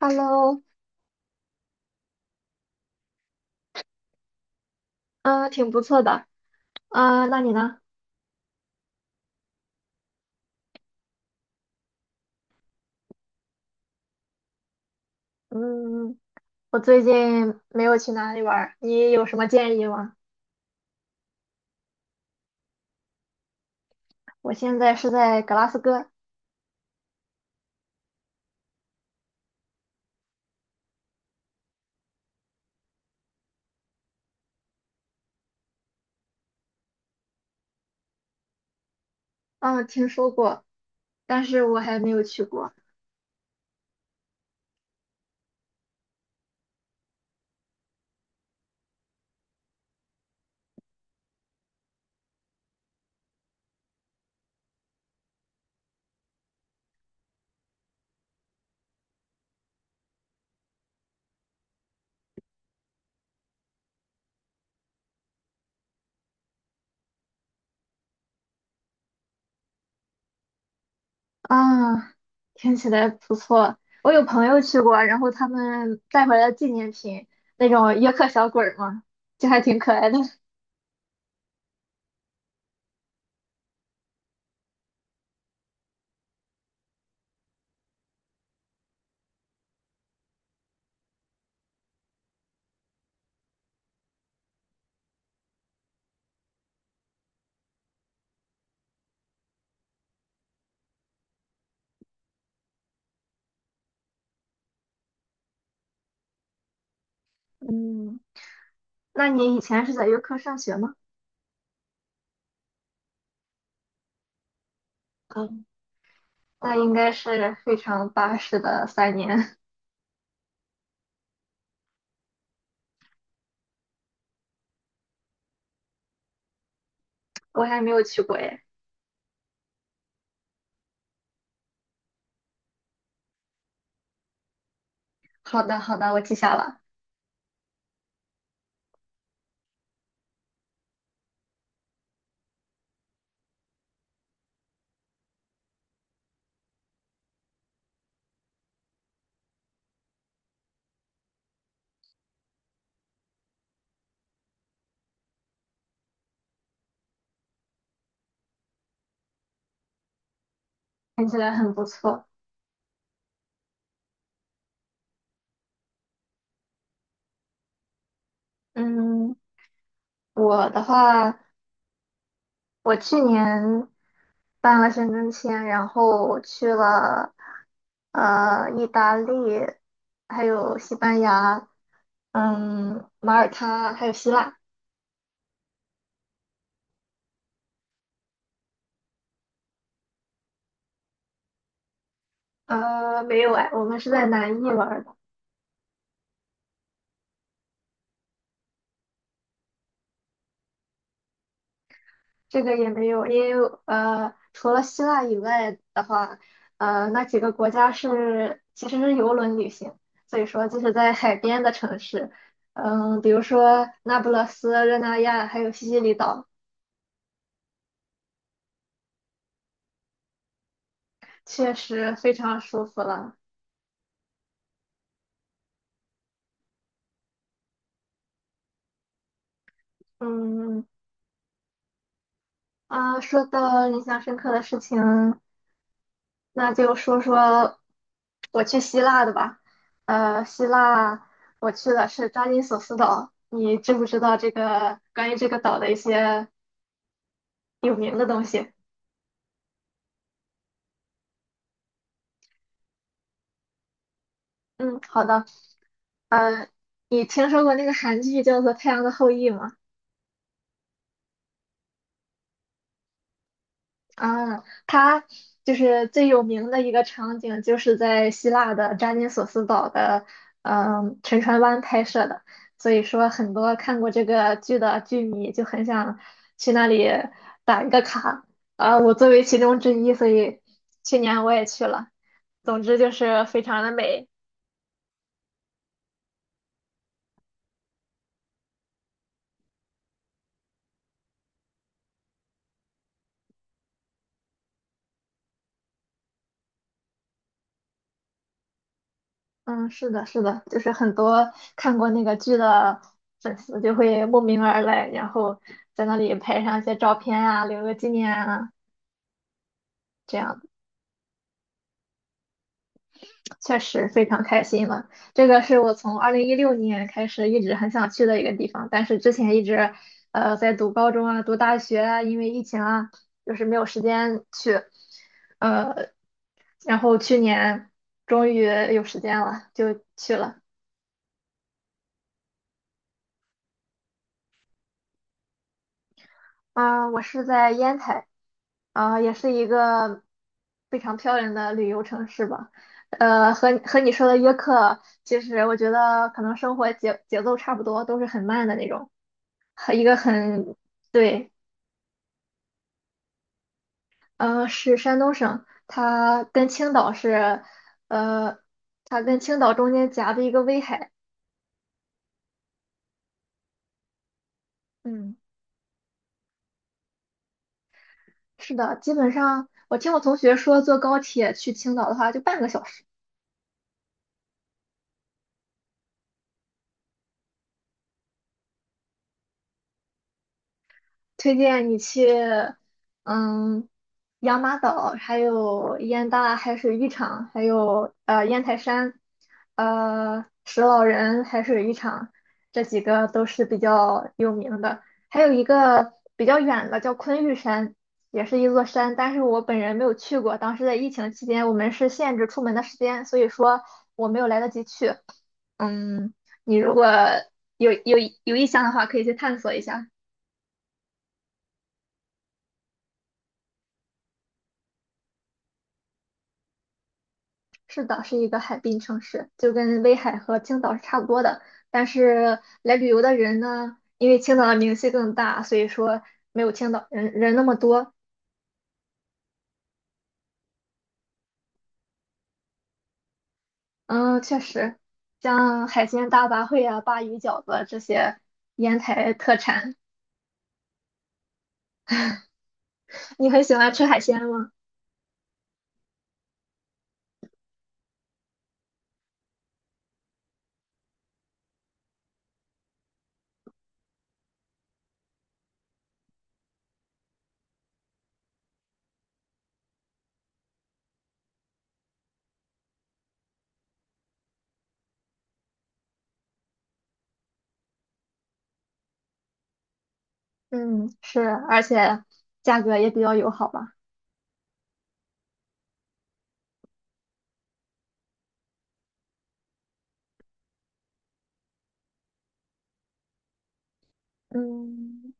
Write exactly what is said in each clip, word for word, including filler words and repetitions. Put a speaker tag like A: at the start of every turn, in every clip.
A: Hello，嗯，挺不错的。啊，那你呢？嗯，我最近没有去哪里玩儿，你有什么建议吗？我现在是在格拉斯哥。嗯，听说过，但是我还没有去过。啊，听起来不错。我有朋友去过，然后他们带回来纪念品，那种约克小鬼儿嘛，就还挺可爱的。嗯，那你以前是在约克上学吗？嗯，那应该是非常巴适的三年。我还没有去过耶。好的，好的，我记下了。听起来很不错。嗯，我的话，我去年办了签证签，然后我去了呃意大利，还有西班牙，嗯，马耳他，还有希腊。呃，没有哎，我们是在南意玩儿的。这个也没有，因为呃，除了希腊以外的话，呃，那几个国家是其实是游轮旅行，所以说就是在海边的城市，嗯，比如说那不勒斯、热那亚还有西西里岛。确实非常舒服了。嗯啊，说到印象深刻的事情，那就说说我去希腊的吧。呃，希腊我去的是扎金索斯岛，你知不知道这个关于这个岛的一些有名的东西？嗯，好的。呃，你听说过那个韩剧叫做《太阳的后裔》吗？啊，它就是最有名的一个场景，就是在希腊的扎金索斯岛的，嗯，沉船湾拍摄的。所以说，很多看过这个剧的剧迷就很想去那里打一个卡。啊，我作为其中之一，所以去年我也去了。总之就是非常的美。嗯，是的，是的，就是很多看过那个剧的粉丝就会慕名而来，然后在那里拍上一些照片啊，留个纪念啊。这样。确实非常开心了。这个是我从二零一六年开始一直很想去的一个地方，但是之前一直，呃，在读高中啊、读大学啊，因为疫情啊，就是没有时间去。呃，然后去年终于有时间了，就去了。啊、我是在烟台，啊、也是一个非常漂亮的旅游城市吧。呃，和和你说的约克，其实我觉得可能生活节节奏差不多，都是很慢的那种。一个很对，嗯，是山东省，它跟青岛是，呃，它跟青岛中间夹着一个威海。嗯，是的，基本上我听我同学说，坐高铁去青岛的话就半个小时。推荐你去，嗯，养马岛，还有烟大海水浴场，还有呃烟台山，呃石老人海水浴场，这几个都是比较有名的。还有一个比较远的叫昆玉山，也是一座山，但是我本人没有去过。当时在疫情期间，我们是限制出门的时间，所以说我没有来得及去。嗯，你如果有有有意向的话，可以去探索一下。是的，是一个海滨城市，就跟威海和青岛是差不多的。但是来旅游的人呢，因为青岛的名气更大，所以说没有青岛人人那么多。嗯，确实，像海鲜大杂烩啊、鲅鱼饺子这些烟台特产。你很喜欢吃海鲜吗？嗯，是，而且价格也比较友好吧。嗯，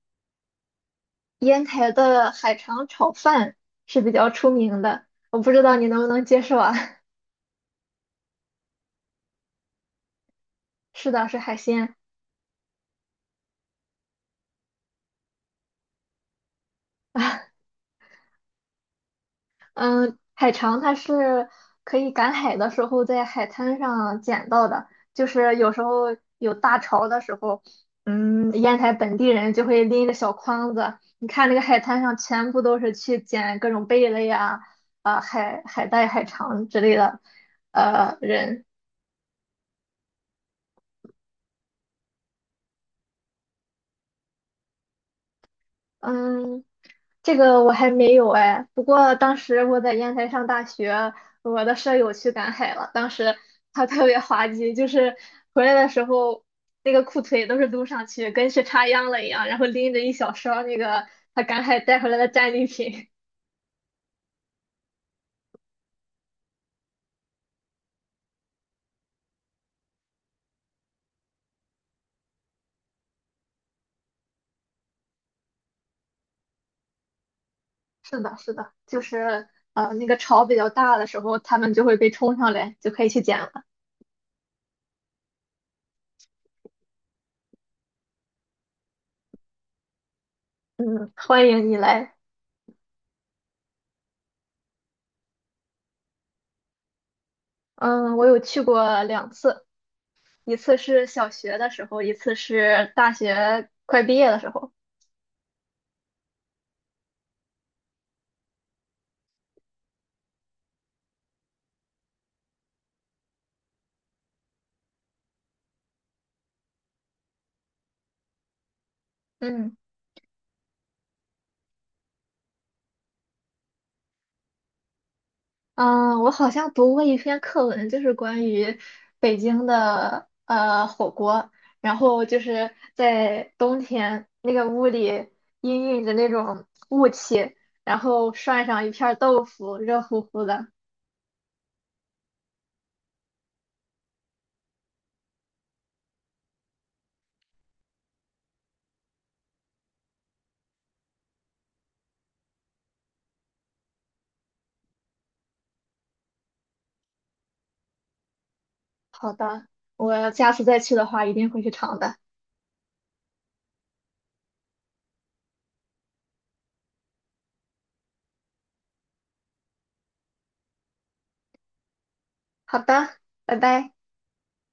A: 烟台的海肠炒饭是比较出名的，我不知道你能不能接受啊？是的，是海鲜。嗯，海肠它是可以赶海的时候在海滩上捡到的，就是有时候有大潮的时候，嗯，烟台本地人就会拎着小筐子，你看那个海滩上全部都是去捡各种贝类呀、啊、海海带、海肠之类的，呃，人，嗯。这个我还没有哎，不过当时我在烟台上大学，我的舍友去赶海了，当时 他特别滑稽，就是回来的时候那个裤腿都是撸上去，跟去插秧了一样，然后拎着一小勺那个他赶海带回来的战利品。是的，是的，就是呃那个潮比较大的时候，他们就会被冲上来，就可以去捡了。嗯，欢迎你来。嗯，我有去过两次，一次是小学的时候，一次是大学快毕业的时候。嗯嗯，我好像读过一篇课文，就是关于北京的呃火锅，然后就是在冬天那个屋里氤氲着那种雾气，然后涮上一片儿豆腐，热乎乎的。好的，我下次再去的话一定会去尝的。好的，拜拜。